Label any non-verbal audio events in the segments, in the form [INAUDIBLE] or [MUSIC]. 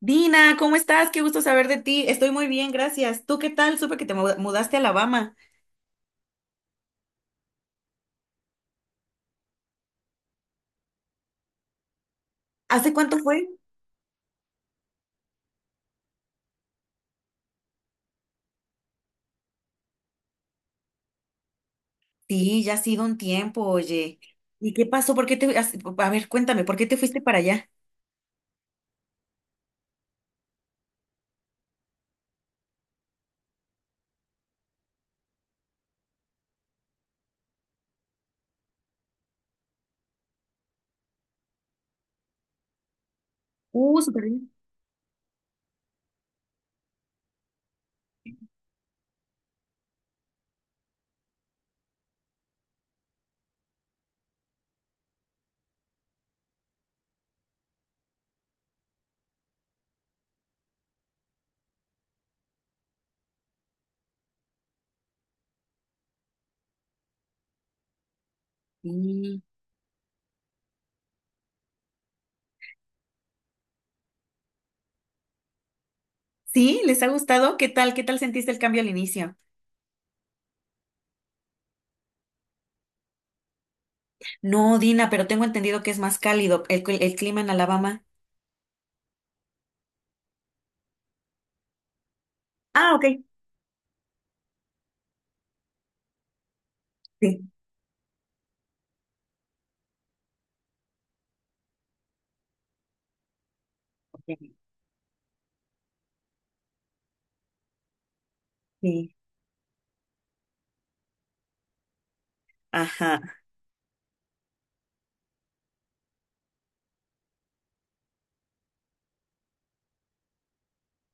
Dina, ¿cómo estás? Qué gusto saber de ti. Estoy muy bien, gracias. ¿Tú qué tal? Supe que te mudaste a Alabama. ¿Hace cuánto fue? Sí, ya ha sido un tiempo, oye. ¿Y qué pasó? ¿Por qué a ver, cuéntame, ¿por qué te fuiste para allá? Súper bien. Sí. ¿Sí? ¿Les ha gustado? ¿Qué tal? ¿Qué tal sentiste el cambio al inicio? No, Dina, pero tengo entendido que es más cálido el clima en Alabama. Ah, ok. Sí. Ok. Sí. Ajá.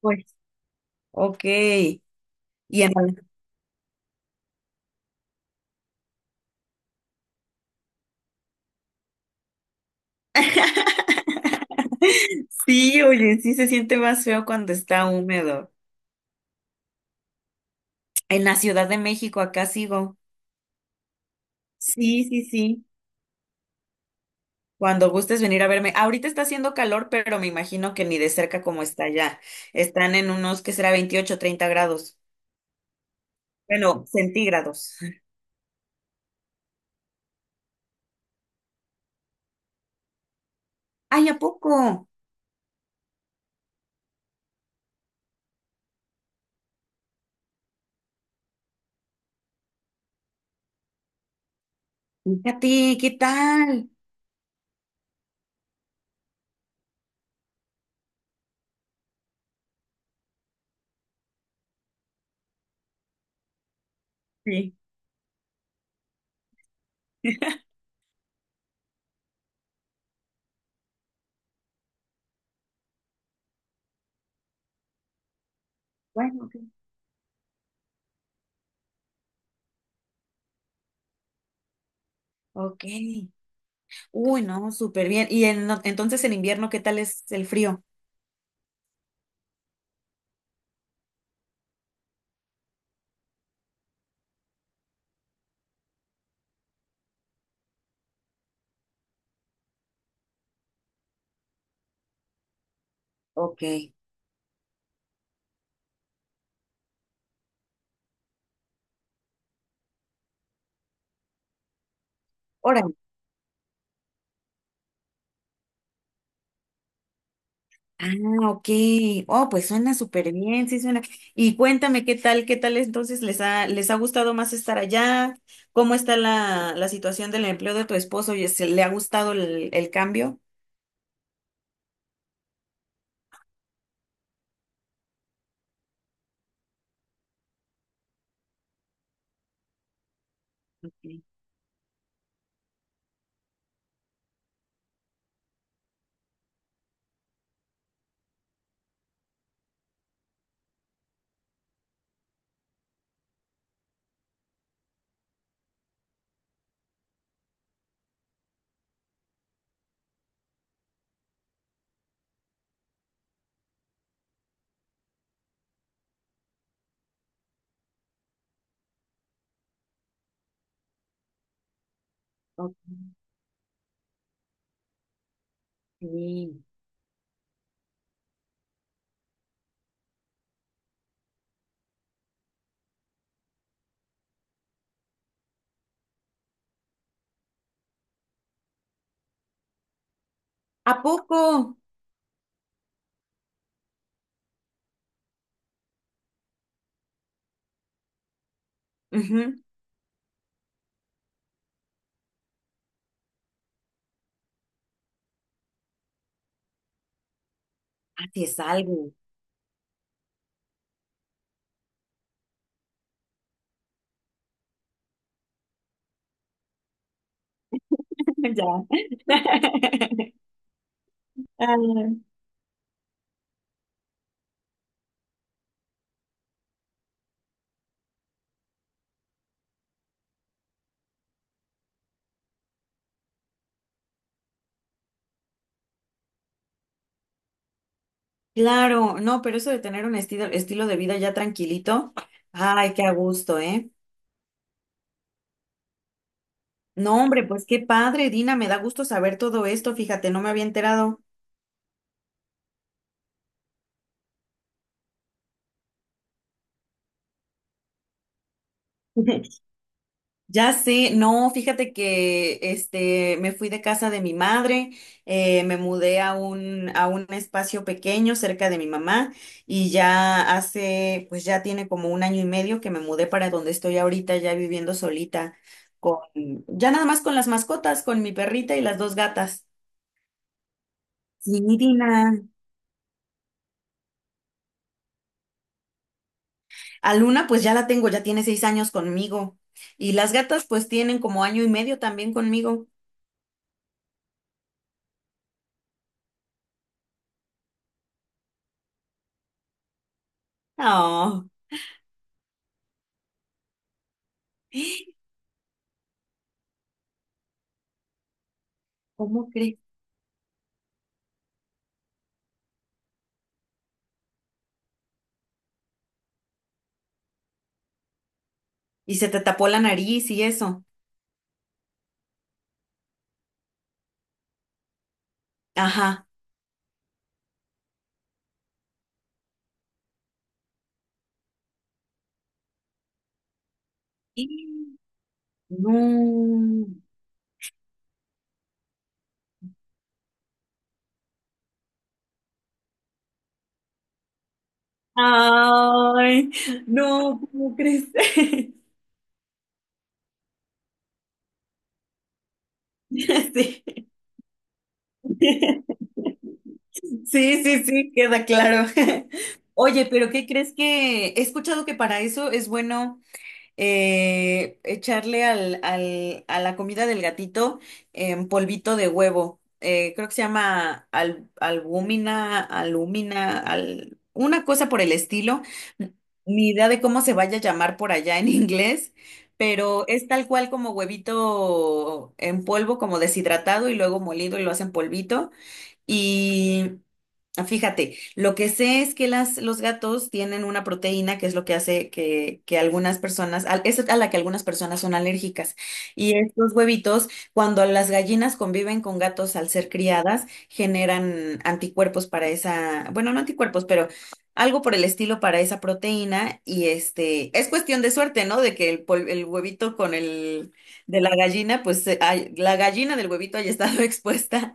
Pues. Ok. Y en Sí, oye, sí se siente más feo cuando está húmedo. En la Ciudad de México, acá sigo. Sí, sí, sí. Cuando gustes venir a verme. Ahorita está haciendo calor, pero me imagino que ni de cerca como está allá. Están en unos, ¿qué será?, 28, 30 grados. Bueno, centígrados. Ay, ¿a poco? Fíjate, ¿qué tal? Sí. [LAUGHS] Bueno, ok. Ok. Uy, no, súper bien. Y entonces en invierno, ¿qué tal es el frío? Ok. Órale. Ah, ok. Oh, pues suena súper bien, sí suena. Y cuéntame qué tal entonces les ha gustado más estar allá. ¿Cómo está la, la situación del empleo de tu esposo? ¿Le ha gustado el cambio? Sí. Ok. Sí. ¿A poco? Ujú. Ah, sí es algo. [LAUGHS] Ya. [LAUGHS] Ah. Claro, no, pero eso de tener un estilo, estilo de vida ya tranquilito, ay, qué a gusto, ¿eh? No, hombre, pues qué padre, Dina, me da gusto saber todo esto, fíjate, no me había enterado. [LAUGHS] Ya sé, no, fíjate que este me fui de casa de mi madre, me mudé a un espacio pequeño cerca de mi mamá y ya hace, pues ya tiene como un año y medio que me mudé para donde estoy ahorita, ya viviendo solita con ya nada más con las mascotas, con mi perrita y las dos gatas. Sí, Dina. A Luna, pues ya la tengo, ya tiene 6 años conmigo. Y las gatas, pues tienen como año y medio también conmigo. Oh, ¿cómo crees? Y se te tapó la nariz y eso. Ajá. [GASPS] Y. No. Ay, no, ¿cómo crees? [LAUGHS] Sí. Sí, sí, sí, queda claro. [LAUGHS] Oye, pero ¿qué crees?, que he escuchado que para eso es bueno, echarle a la comida del gatito en polvito de huevo. Creo que se llama albúmina, alúmina, una cosa por el estilo. Ni idea de cómo se vaya a llamar por allá en [LAUGHS] inglés, pero es tal cual como huevito en polvo, como deshidratado y luego molido y lo hacen polvito. Ah, fíjate, lo que sé es que los gatos tienen una proteína que es lo que hace que algunas personas, es a la que algunas personas son alérgicas. Y estos huevitos, cuando las gallinas conviven con gatos al ser criadas, generan anticuerpos para esa, bueno, no anticuerpos, pero algo por el estilo para esa proteína. Y este, es cuestión de suerte, ¿no? De que el huevito con el de la gallina, pues la gallina del huevito haya estado [LAUGHS] expuesta.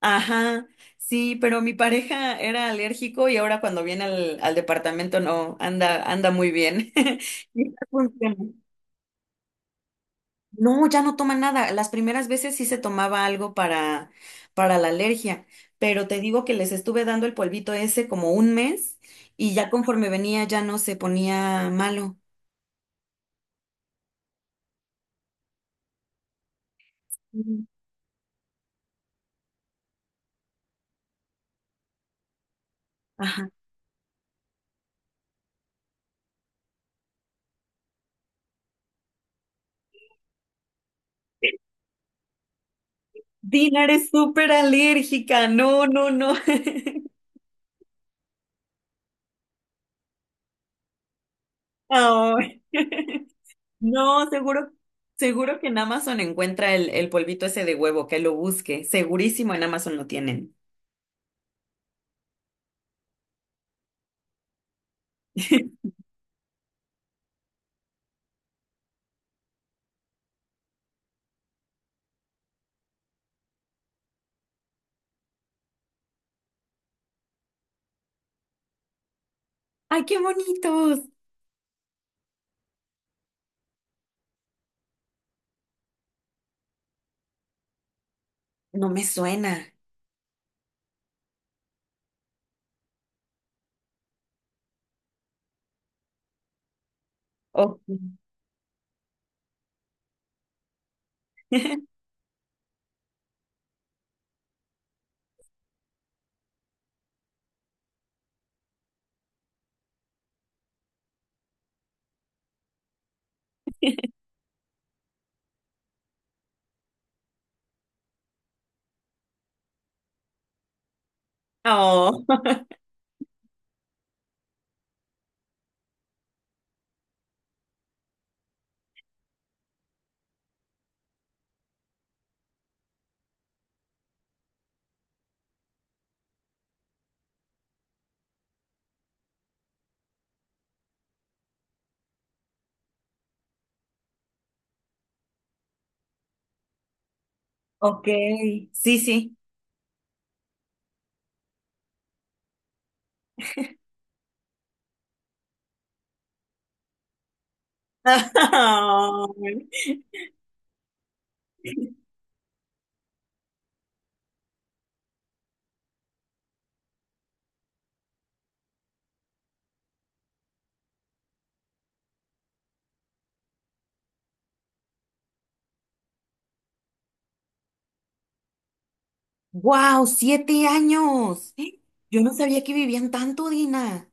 Ajá, sí, pero mi pareja era alérgico y ahora cuando viene al, al departamento no, anda muy bien. [LAUGHS] Y ya funciona. No, ya no toma nada. Las primeras veces sí se tomaba algo para la alergia, pero te digo que les estuve dando el polvito ese como un mes y ya conforme venía ya no se ponía malo. Ujú. Ajá. Dinar es súper alérgica, no, no, no. [LAUGHS] Ay. [LAUGHS] No, seguro, seguro que en Amazon encuentra el polvito ese de huevo, que lo busque. Segurísimo en Amazon lo tienen. [LAUGHS] ¡Ay, qué bonitos! No me suena. Ok. [LAUGHS] Oh, ok. Sí, sí. [LAUGHS] ¡Wow! ¡7 años! ¡Eh! Yo no sabía que vivían tanto, Dina.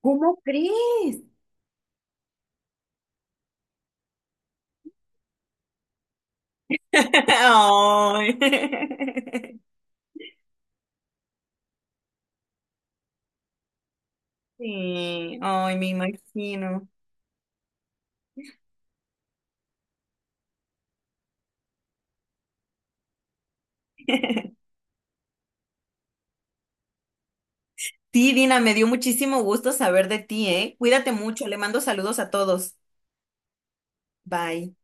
¿Cómo crees? [LAUGHS] Ay. [LAUGHS] Sí, ay, me imagino. [LAUGHS] Sí, Dina, me dio muchísimo gusto saber de ti, ¿eh? Cuídate mucho, le mando saludos a todos. Bye.